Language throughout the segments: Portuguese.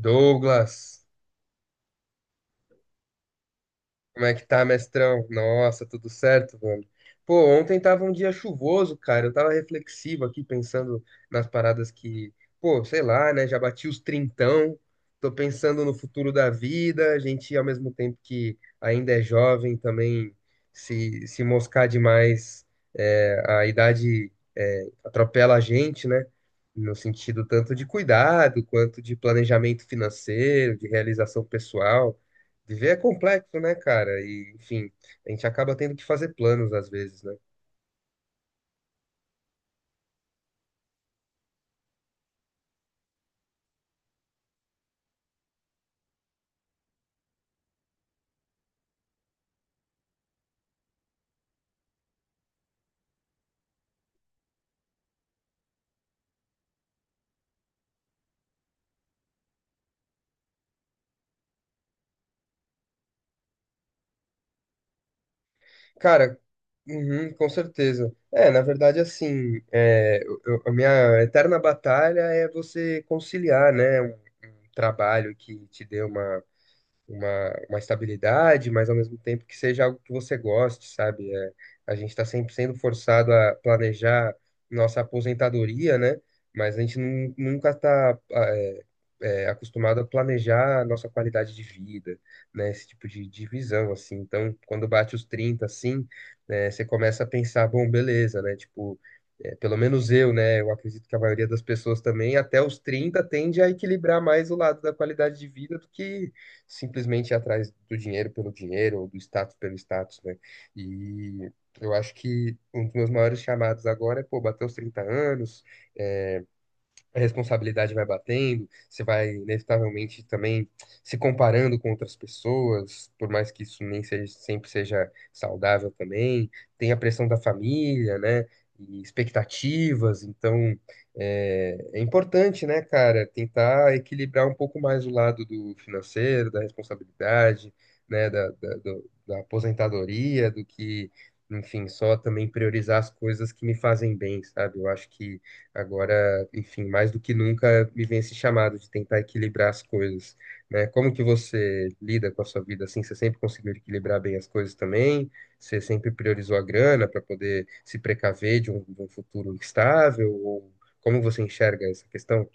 Douglas, como é que tá, mestrão? Nossa, tudo certo, mano? Pô, ontem tava um dia chuvoso, cara. Eu tava reflexivo aqui, pensando nas paradas que, pô, sei lá, né? Já bati os trintão, tô pensando no futuro da vida. A gente, ao mesmo tempo que ainda é jovem, também se moscar demais, a idade, atropela a gente, né? No sentido tanto de cuidado, quanto de planejamento financeiro, de realização pessoal. Viver é complexo, né, cara? E, enfim, a gente acaba tendo que fazer planos às vezes, né? Cara, uhum, com certeza. É, na verdade, assim, é, a minha eterna batalha é você conciliar, né, um trabalho que te dê uma uma estabilidade, mas ao mesmo tempo que seja algo que você goste, sabe? É, a gente está sempre sendo forçado a planejar nossa aposentadoria, né? Mas a gente nunca está acostumado a planejar a nossa qualidade de vida, né? Esse tipo de divisão, assim. Então, quando bate os 30 assim, né, você começa a pensar, bom, beleza, né? Tipo, é, pelo menos eu, né? Eu acredito que a maioria das pessoas também, até os 30 tende a equilibrar mais o lado da qualidade de vida do que simplesmente ir atrás do dinheiro pelo dinheiro ou do status pelo status, né? E eu acho que um dos meus maiores chamados agora é, pô, bater os 30 anos, a responsabilidade vai batendo, você vai inevitavelmente também se comparando com outras pessoas, por mais que isso nem seja, sempre seja saudável também, tem a pressão da família, né? E expectativas, então é, é importante, né, cara, tentar equilibrar um pouco mais o lado do financeiro, da responsabilidade, né, da aposentadoria, do que, enfim, só também priorizar as coisas que me fazem bem, sabe? Eu acho que agora, enfim, mais do que nunca me vem esse chamado de tentar equilibrar as coisas, né? Como que você lida com a sua vida assim? Você sempre conseguiu equilibrar bem as coisas também? Você sempre priorizou a grana para poder se precaver de um futuro instável? Ou como você enxerga essa questão?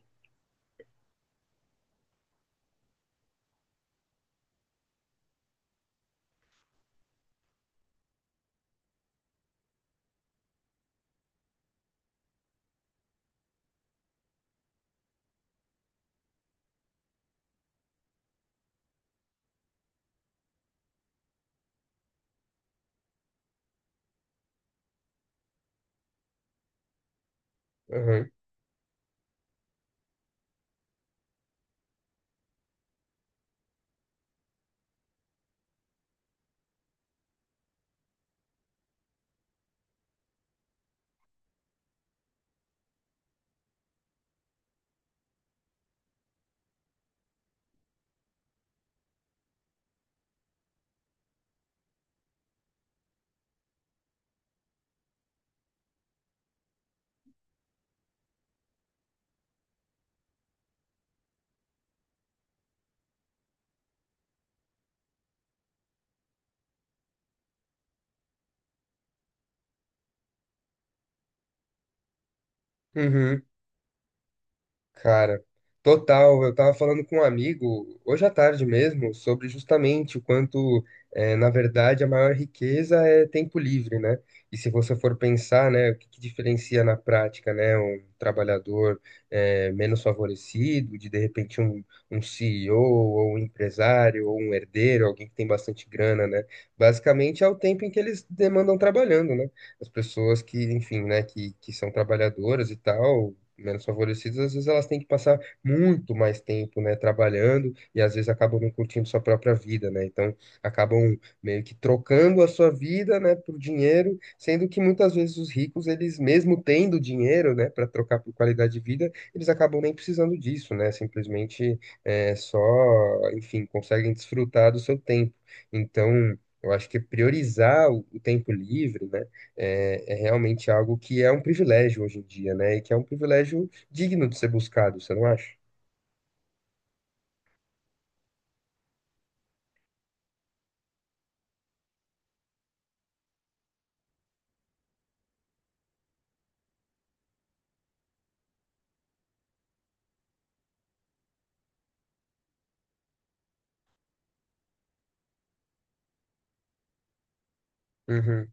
Uhum. Uhum. Cara, total. Eu tava falando com um amigo hoje à tarde mesmo sobre justamente o quanto, na verdade, a maior riqueza é tempo livre, né? E se você for pensar, né, o que que diferencia na prática, né, um trabalhador, menos favorecido, de repente um, um CEO ou um empresário ou um herdeiro, alguém que tem bastante grana, né? Basicamente é o tempo em que eles demandam trabalhando, né? As pessoas que, enfim, né, que são trabalhadoras e tal menos favorecidas, às vezes elas têm que passar muito mais tempo, né, trabalhando e às vezes acabam não curtindo sua própria vida, né? Então acabam meio que trocando a sua vida, né, por dinheiro, sendo que muitas vezes os ricos, eles mesmo tendo dinheiro, né, para trocar por qualidade de vida, eles acabam nem precisando disso, né? Simplesmente é, só, enfim, conseguem desfrutar do seu tempo. Então, eu acho que priorizar o tempo livre, né? É, é realmente algo que é um privilégio hoje em dia, né? E que é um privilégio digno de ser buscado, você não acha? Uhum.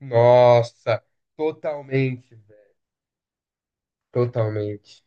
Nossa, totalmente, velho. Totalmente.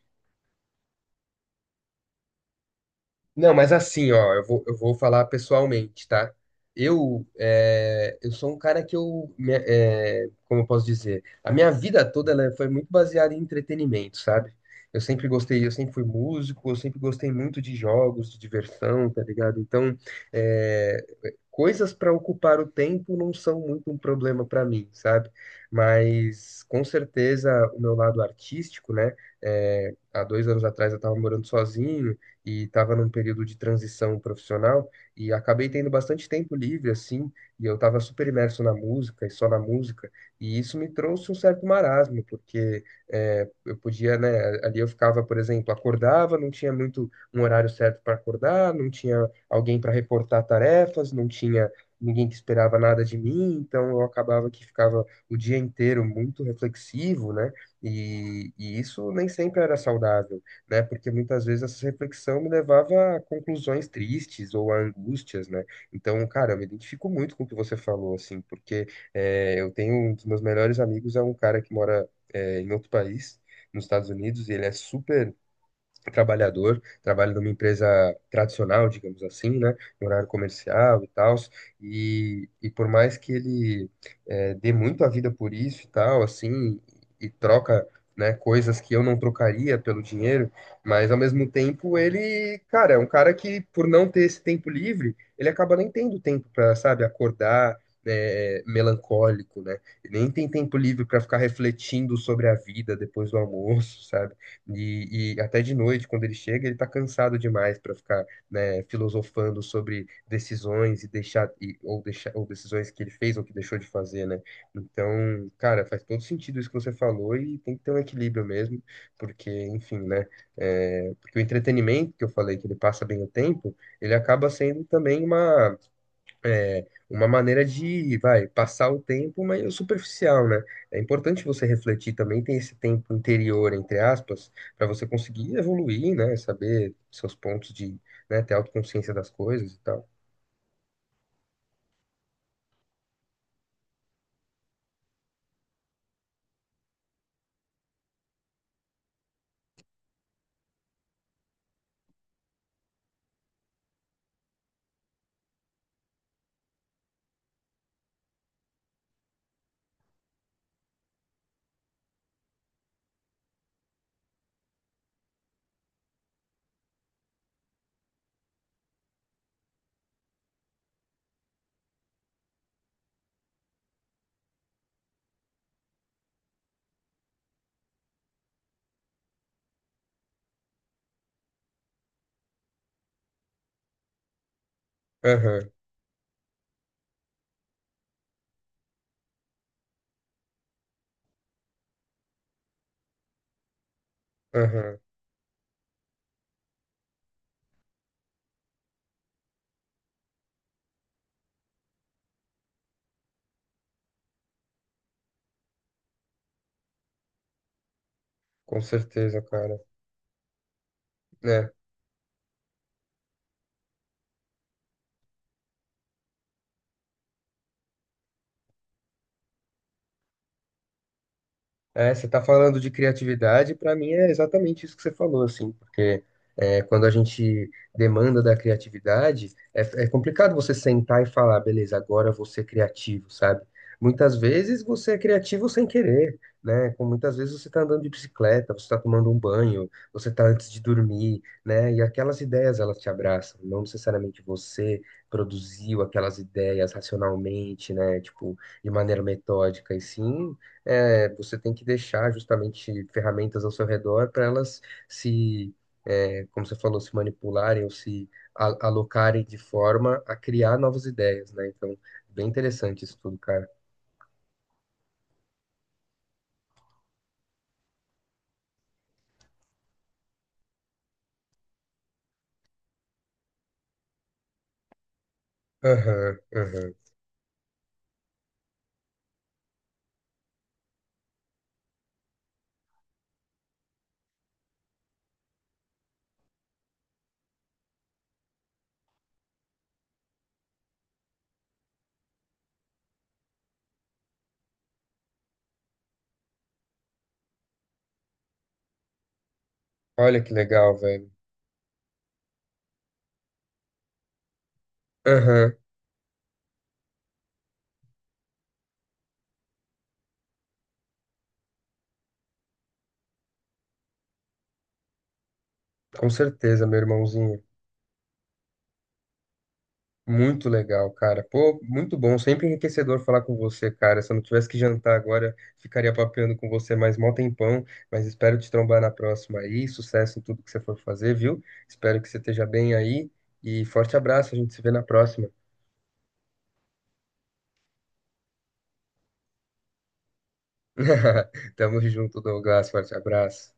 Não, mas assim, ó, eu vou falar pessoalmente, tá? Eu, é, eu sou um cara que eu, é, como eu posso dizer, a minha vida toda ela foi muito baseada em entretenimento, sabe? Eu sempre gostei, eu sempre fui músico, eu sempre gostei muito de jogos, de diversão, tá ligado? Então, é, coisas para ocupar o tempo não são muito um problema para mim, sabe? Mas, com certeza, o meu lado artístico, né? É, há 2 anos atrás eu estava morando sozinho, e estava num período de transição profissional e acabei tendo bastante tempo livre assim, e eu estava super imerso na música e só na música, e isso me trouxe um certo marasmo, porque é, eu podia, né, ali eu ficava, por exemplo, acordava, não tinha muito um horário certo para acordar, não tinha alguém para reportar tarefas, não tinha ninguém que esperava nada de mim, então eu acabava que ficava o dia inteiro muito reflexivo, né? E isso nem sempre era saudável, né? Porque muitas vezes essa reflexão me levava a conclusões tristes ou a angústias, né? Então, cara, eu me identifico muito com o que você falou, assim, porque é, eu tenho um dos meus melhores amigos, é um cara que mora é, em outro país, nos Estados Unidos, e ele é super trabalhador, trabalho numa empresa tradicional, digamos assim, né, no horário comercial e tal, e por mais que ele dê muito a vida por isso e tal, assim, e troca, né, coisas que eu não trocaria pelo dinheiro, mas ao mesmo tempo ele, cara, é um cara que por não ter esse tempo livre, ele acaba nem tendo tempo para, sabe, acordar, né, melancólico, né? Ele nem tem tempo livre para ficar refletindo sobre a vida depois do almoço, sabe? E até de noite, quando ele chega, ele está cansado demais para ficar, né, filosofando sobre decisões e deixar, e, ou deixar, ou decisões que ele fez ou que deixou de fazer, né? Então, cara, faz todo sentido isso que você falou e tem que ter um equilíbrio mesmo, porque, enfim, né? É, porque o entretenimento que eu falei, que ele passa bem o tempo, ele acaba sendo também uma maneira de, vai, passar o tempo, mas superficial, né? É importante você refletir também, tem esse tempo interior, entre aspas, para você conseguir evoluir, né? Saber seus pontos de, né, ter autoconsciência das coisas e tal. Aham, aham, com certeza, cara. É. É, você está falando de criatividade, para mim é exatamente isso que você falou, assim, porque é, quando a gente demanda da criatividade, é, é complicado você sentar e falar, beleza, agora eu vou ser criativo, sabe? Muitas vezes você é criativo sem querer, né? Com muitas vezes você está andando de bicicleta, você está tomando um banho, você está antes de dormir, né? E aquelas ideias elas te abraçam, não necessariamente você produziu aquelas ideias racionalmente, né? Tipo, de maneira metódica, e sim é, você tem que deixar justamente ferramentas ao seu redor para elas se, é, como você falou, se manipularem ou se alocarem de forma a criar novas ideias, né? Então, bem interessante isso tudo, cara. Aham, aham. Olha que legal, velho. Aham, com certeza, meu irmãozinho. Muito legal, cara. Pô, muito bom. Sempre enriquecedor falar com você, cara. Se eu não tivesse que jantar agora, ficaria papeando com você mais mó tempão. Mas espero te trombar na próxima aí. Sucesso em tudo que você for fazer, viu? Espero que você esteja bem aí. E forte abraço. A gente se vê na próxima. Tamo junto, Douglas. Forte abraço.